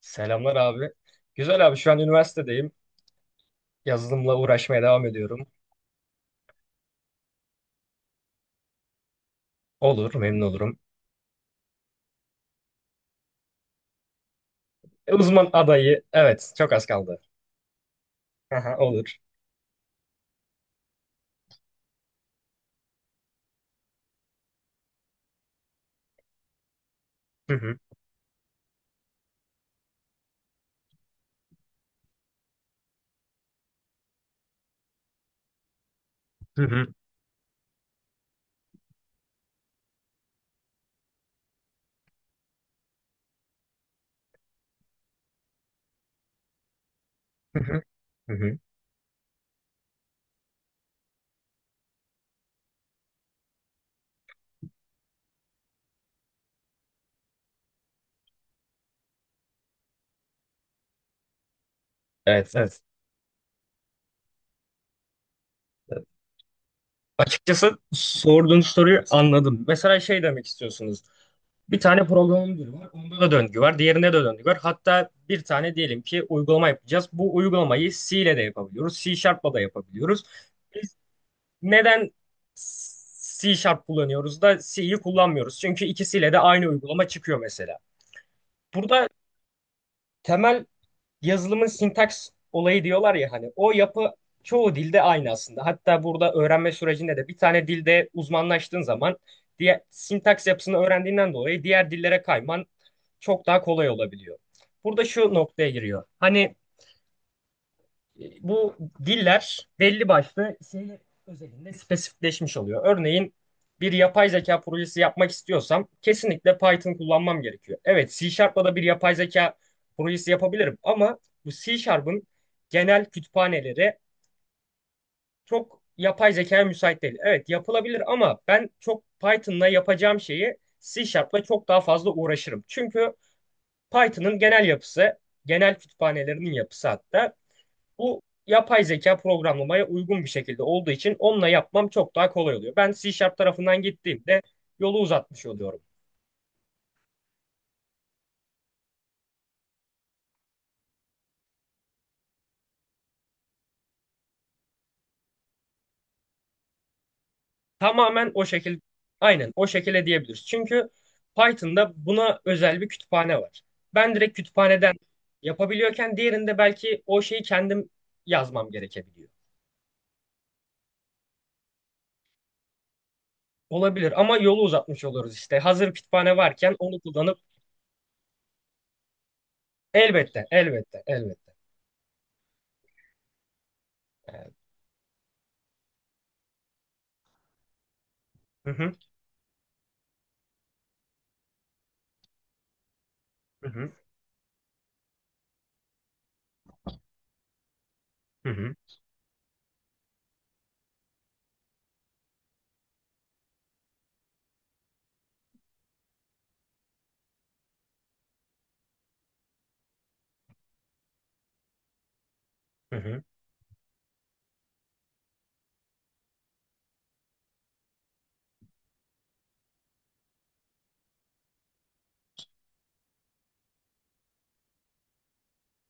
Selamlar abi. Güzel abi, şu an üniversitedeyim. Yazılımla uğraşmaya devam ediyorum. Olur, memnun olurum. E, uzman adayı, evet, çok az kaldı. Aha, olur. Hı hı. Hı hı. Hı hı. Hı hı. Evet, evet. Açıkçası sorduğun soruyu anladım. Mesela şey demek istiyorsunuz. Bir tane programın dili var. Onda da döngü var. Diğerinde de döngü var. Hatta bir tane diyelim ki uygulama yapacağız. Bu uygulamayı C ile de yapabiliyoruz. C Sharp'la da yapabiliyoruz. Neden C Sharp kullanıyoruz da C'yi kullanmıyoruz? Çünkü ikisiyle de aynı uygulama çıkıyor mesela. Burada temel yazılımın sintaks olayı diyorlar ya, hani o yapı çoğu dilde aynı aslında. Hatta burada öğrenme sürecinde de bir tane dilde uzmanlaştığın zaman diğer sintaks yapısını öğrendiğinden dolayı diğer dillere kayman çok daha kolay olabiliyor. Burada şu noktaya giriyor. Hani bu diller belli başlı şey özelinde spesifikleşmiş oluyor. Örneğin bir yapay zeka projesi yapmak istiyorsam kesinlikle Python kullanmam gerekiyor. Evet, C Sharp'la da bir yapay zeka projesi yapabilirim ama bu C Sharp'ın genel kütüphaneleri çok yapay zekaya müsait değil. Evet, yapılabilir ama ben çok Python'la yapacağım şeyi C Sharp'la çok daha fazla uğraşırım. Çünkü Python'ın genel yapısı, genel kütüphanelerinin yapısı hatta bu yapay zeka programlamaya uygun bir şekilde olduğu için onunla yapmam çok daha kolay oluyor. Ben C Sharp tarafından gittiğimde yolu uzatmış oluyorum. Tamamen o şekil, aynen o şekilde diyebiliriz. Çünkü Python'da buna özel bir kütüphane var. Ben direkt kütüphaneden yapabiliyorken diğerinde belki o şeyi kendim yazmam gerekebiliyor. Olabilir ama yolu uzatmış oluruz işte. Hazır kütüphane varken onu kullanıp elbette, elbette, elbette. Evet. Hı hı, hı hı, hı hı, hı hı,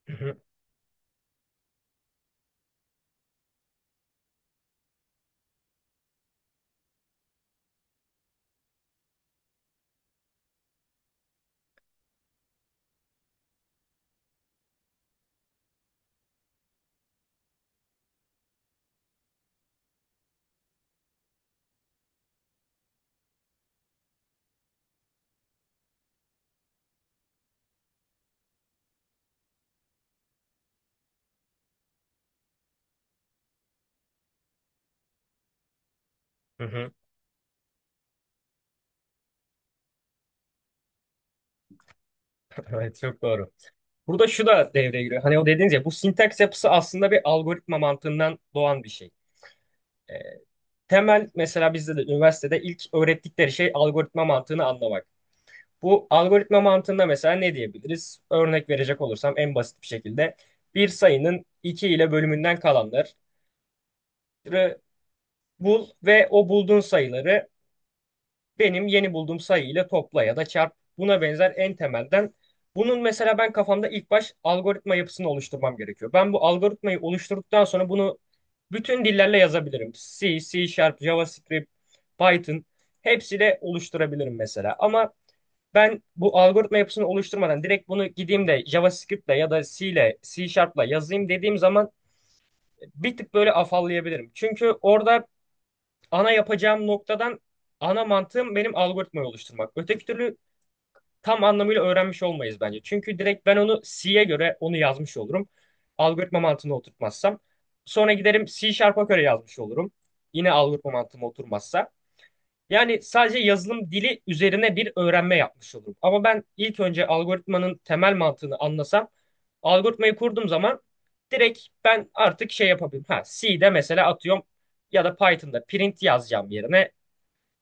hı hı, hı hı. Evet, çok doğru. Burada şu da devreye giriyor. Hani o dediğiniz ya, bu sintaks yapısı aslında bir algoritma mantığından doğan bir şey. Ee, Temel mesela bizde de üniversitede ilk öğrettikleri şey algoritma mantığını anlamak. Bu algoritma mantığında mesela ne diyebiliriz? Örnek verecek olursam en basit bir şekilde bir sayının 2 ile bölümünden kalanları bul ve o bulduğun sayıları benim yeni bulduğum sayı ile topla ya da çarp, buna benzer en temelden. Bunun mesela ben kafamda ilk baş algoritma yapısını oluşturmam gerekiyor. Ben bu algoritmayı oluşturduktan sonra bunu bütün dillerle yazabilirim. C, C Sharp, JavaScript, Python, hepsiyle oluşturabilirim mesela. Ama ben bu algoritma yapısını oluşturmadan direkt bunu gideyim de JavaScript'le ya da C ile C Sharp'la yazayım dediğim zaman bir tık böyle afallayabilirim. Çünkü orada ana yapacağım noktadan ana mantığım benim algoritmayı oluşturmak. Öteki türlü tam anlamıyla öğrenmiş olmayız bence. Çünkü direkt ben onu C'ye göre onu yazmış olurum. Algoritma mantığını oturtmazsam. Sonra giderim C Sharp'a göre yazmış olurum. Yine algoritma mantığım oturmazsa. Yani sadece yazılım dili üzerine bir öğrenme yapmış olurum. Ama ben ilk önce algoritmanın temel mantığını anlasam, algoritmayı kurduğum zaman direkt ben artık şey yapabilirim. Ha, C'de mesela atıyorum ya da Python'da print yazacağım yerine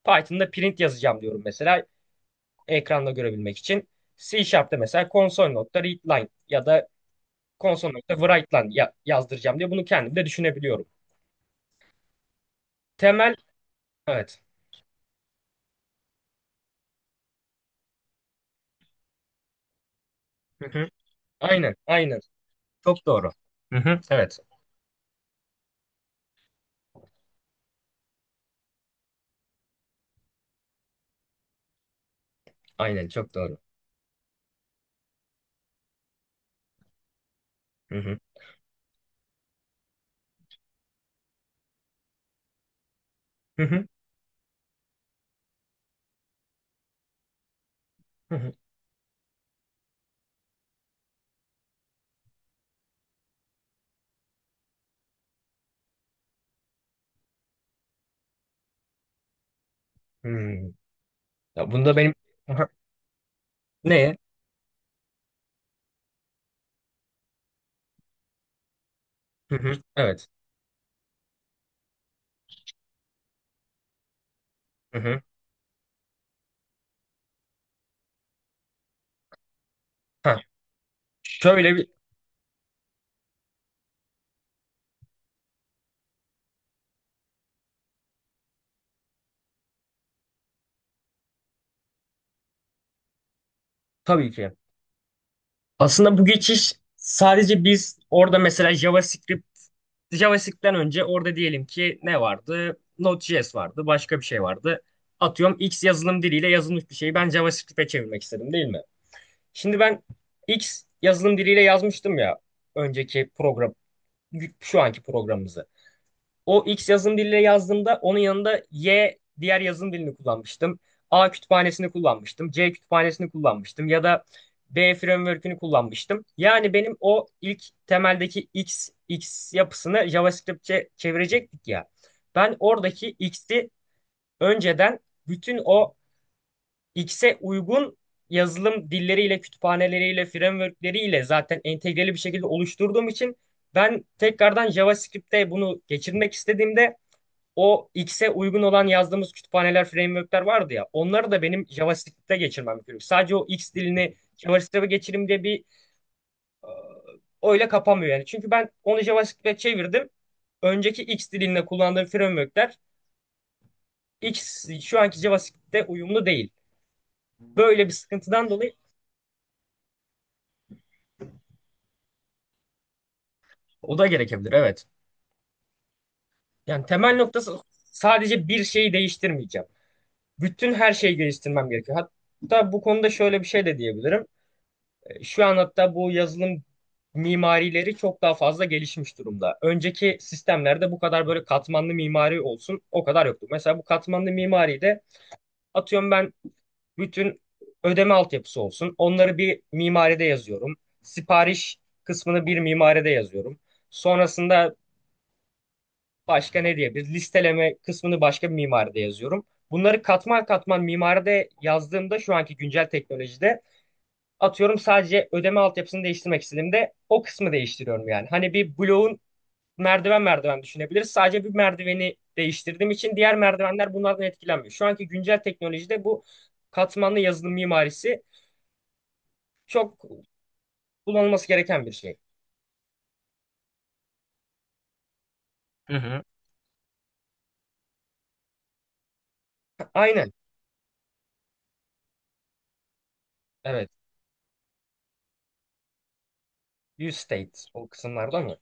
Python'da print yazacağım diyorum mesela ekranda görebilmek için. C Sharp'ta mesela console.readline ya da console.writeline ya yazdıracağım diye bunu kendim de düşünebiliyorum. Temel, evet. Hı hı. Aynen, aynen. Çok doğru. Hı hı. Evet, aynen çok doğru. Hı hı. Hı hı. Hı hı. Hmm. Ya bunda benim. Aha. Ne? Hı hı. Evet. Hı hı. Ha. Şöyle bir. Tabii ki. Aslında bu geçiş sadece biz orada mesela JavaScript'ten önce orada diyelim ki ne vardı? Node.js vardı, başka bir şey vardı. Atıyorum X yazılım diliyle yazılmış bir şeyi ben JavaScript'e çevirmek istedim değil mi? Şimdi ben X yazılım diliyle yazmıştım ya, önceki program, şu anki programımızı. O X yazım diliyle yazdığımda onun yanında Y diğer yazım dilini kullanmıştım. A kütüphanesini kullanmıştım. C kütüphanesini kullanmıştım. Ya da B framework'ünü kullanmıştım. Yani benim o ilk temeldeki X yapısını JavaScript'e çevirecektik ya. Ben oradaki X'i önceden bütün o X'e uygun yazılım dilleriyle, kütüphaneleriyle, framework'leriyle zaten entegreli bir şekilde oluşturduğum için ben tekrardan JavaScript'te bunu geçirmek istediğimde o X'e uygun olan yazdığımız kütüphaneler, framework'ler vardı ya. Onları da benim JavaScript'te geçirmem gerekiyor. Sadece o X dilini JavaScript'e geçireyim diye bir e, öyle kapamıyor yani. Çünkü ben onu JavaScript'e çevirdim. Önceki X dilinde kullandığım framework'ler X şu anki JavaScript'te uyumlu değil. Böyle bir sıkıntıdan dolayı o da gerekebilir, evet. Yani temel noktası sadece bir şeyi değiştirmeyeceğim. Bütün her şeyi geliştirmem gerekiyor. Hatta bu konuda şöyle bir şey de diyebilirim. Şu an hatta bu yazılım mimarileri çok daha fazla gelişmiş durumda. Önceki sistemlerde bu kadar böyle katmanlı mimari olsun o kadar yoktu. Mesela bu katmanlı mimari de atıyorum ben bütün ödeme altyapısı olsun. Onları bir mimaride yazıyorum. Sipariş kısmını bir mimaride yazıyorum. Sonrasında başka ne diyebiliriz? Listeleme kısmını başka bir mimaride yazıyorum. Bunları katman katman mimaride yazdığımda şu anki güncel teknolojide atıyorum sadece ödeme altyapısını değiştirmek istediğimde o kısmı değiştiriyorum yani. Hani bir bloğun merdiven merdiven düşünebiliriz. Sadece bir merdiveni değiştirdiğim için diğer merdivenler bunlardan etkilenmiyor. Şu anki güncel teknolojide bu katmanlı yazılım mimarisi çok kullanılması gereken bir şey. Hı hı. Aynen. Evet. View state o kısımlarda mı?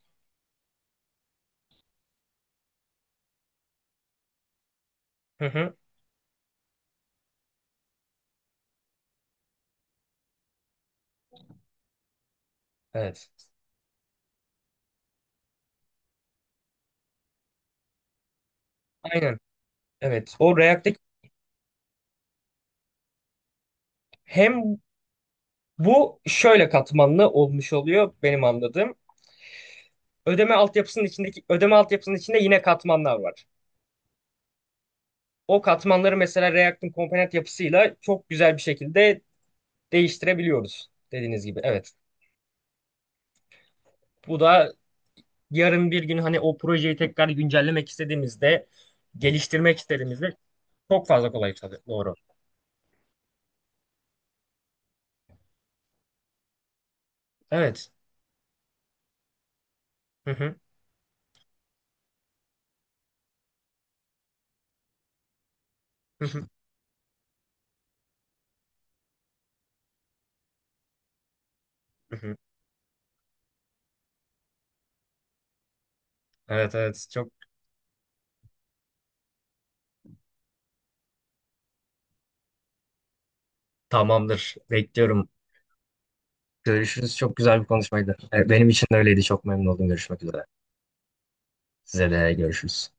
Hı hı. Evet. Aynen. Evet. O React'teki hem bu şöyle katmanlı olmuş oluyor, benim anladığım. Ödeme altyapısının içindeki ödeme altyapısının içinde yine katmanlar var. O katmanları mesela React'ın komponent yapısıyla çok güzel bir şekilde değiştirebiliyoruz, dediğiniz gibi. Evet. Bu da yarın bir gün hani o projeyi tekrar güncellemek istediğimizde, geliştirmek istediğimizde çok fazla kolay. Kolaylık. Doğru. Evet. Hı hı. Hı hı. Hı hı. Evet, evet, çok. Tamamdır. Bekliyorum. Görüşürüz. Çok güzel bir konuşmaydı. Evet, benim için de öyleydi. Çok memnun oldum. Görüşmek üzere. Size de görüşürüz.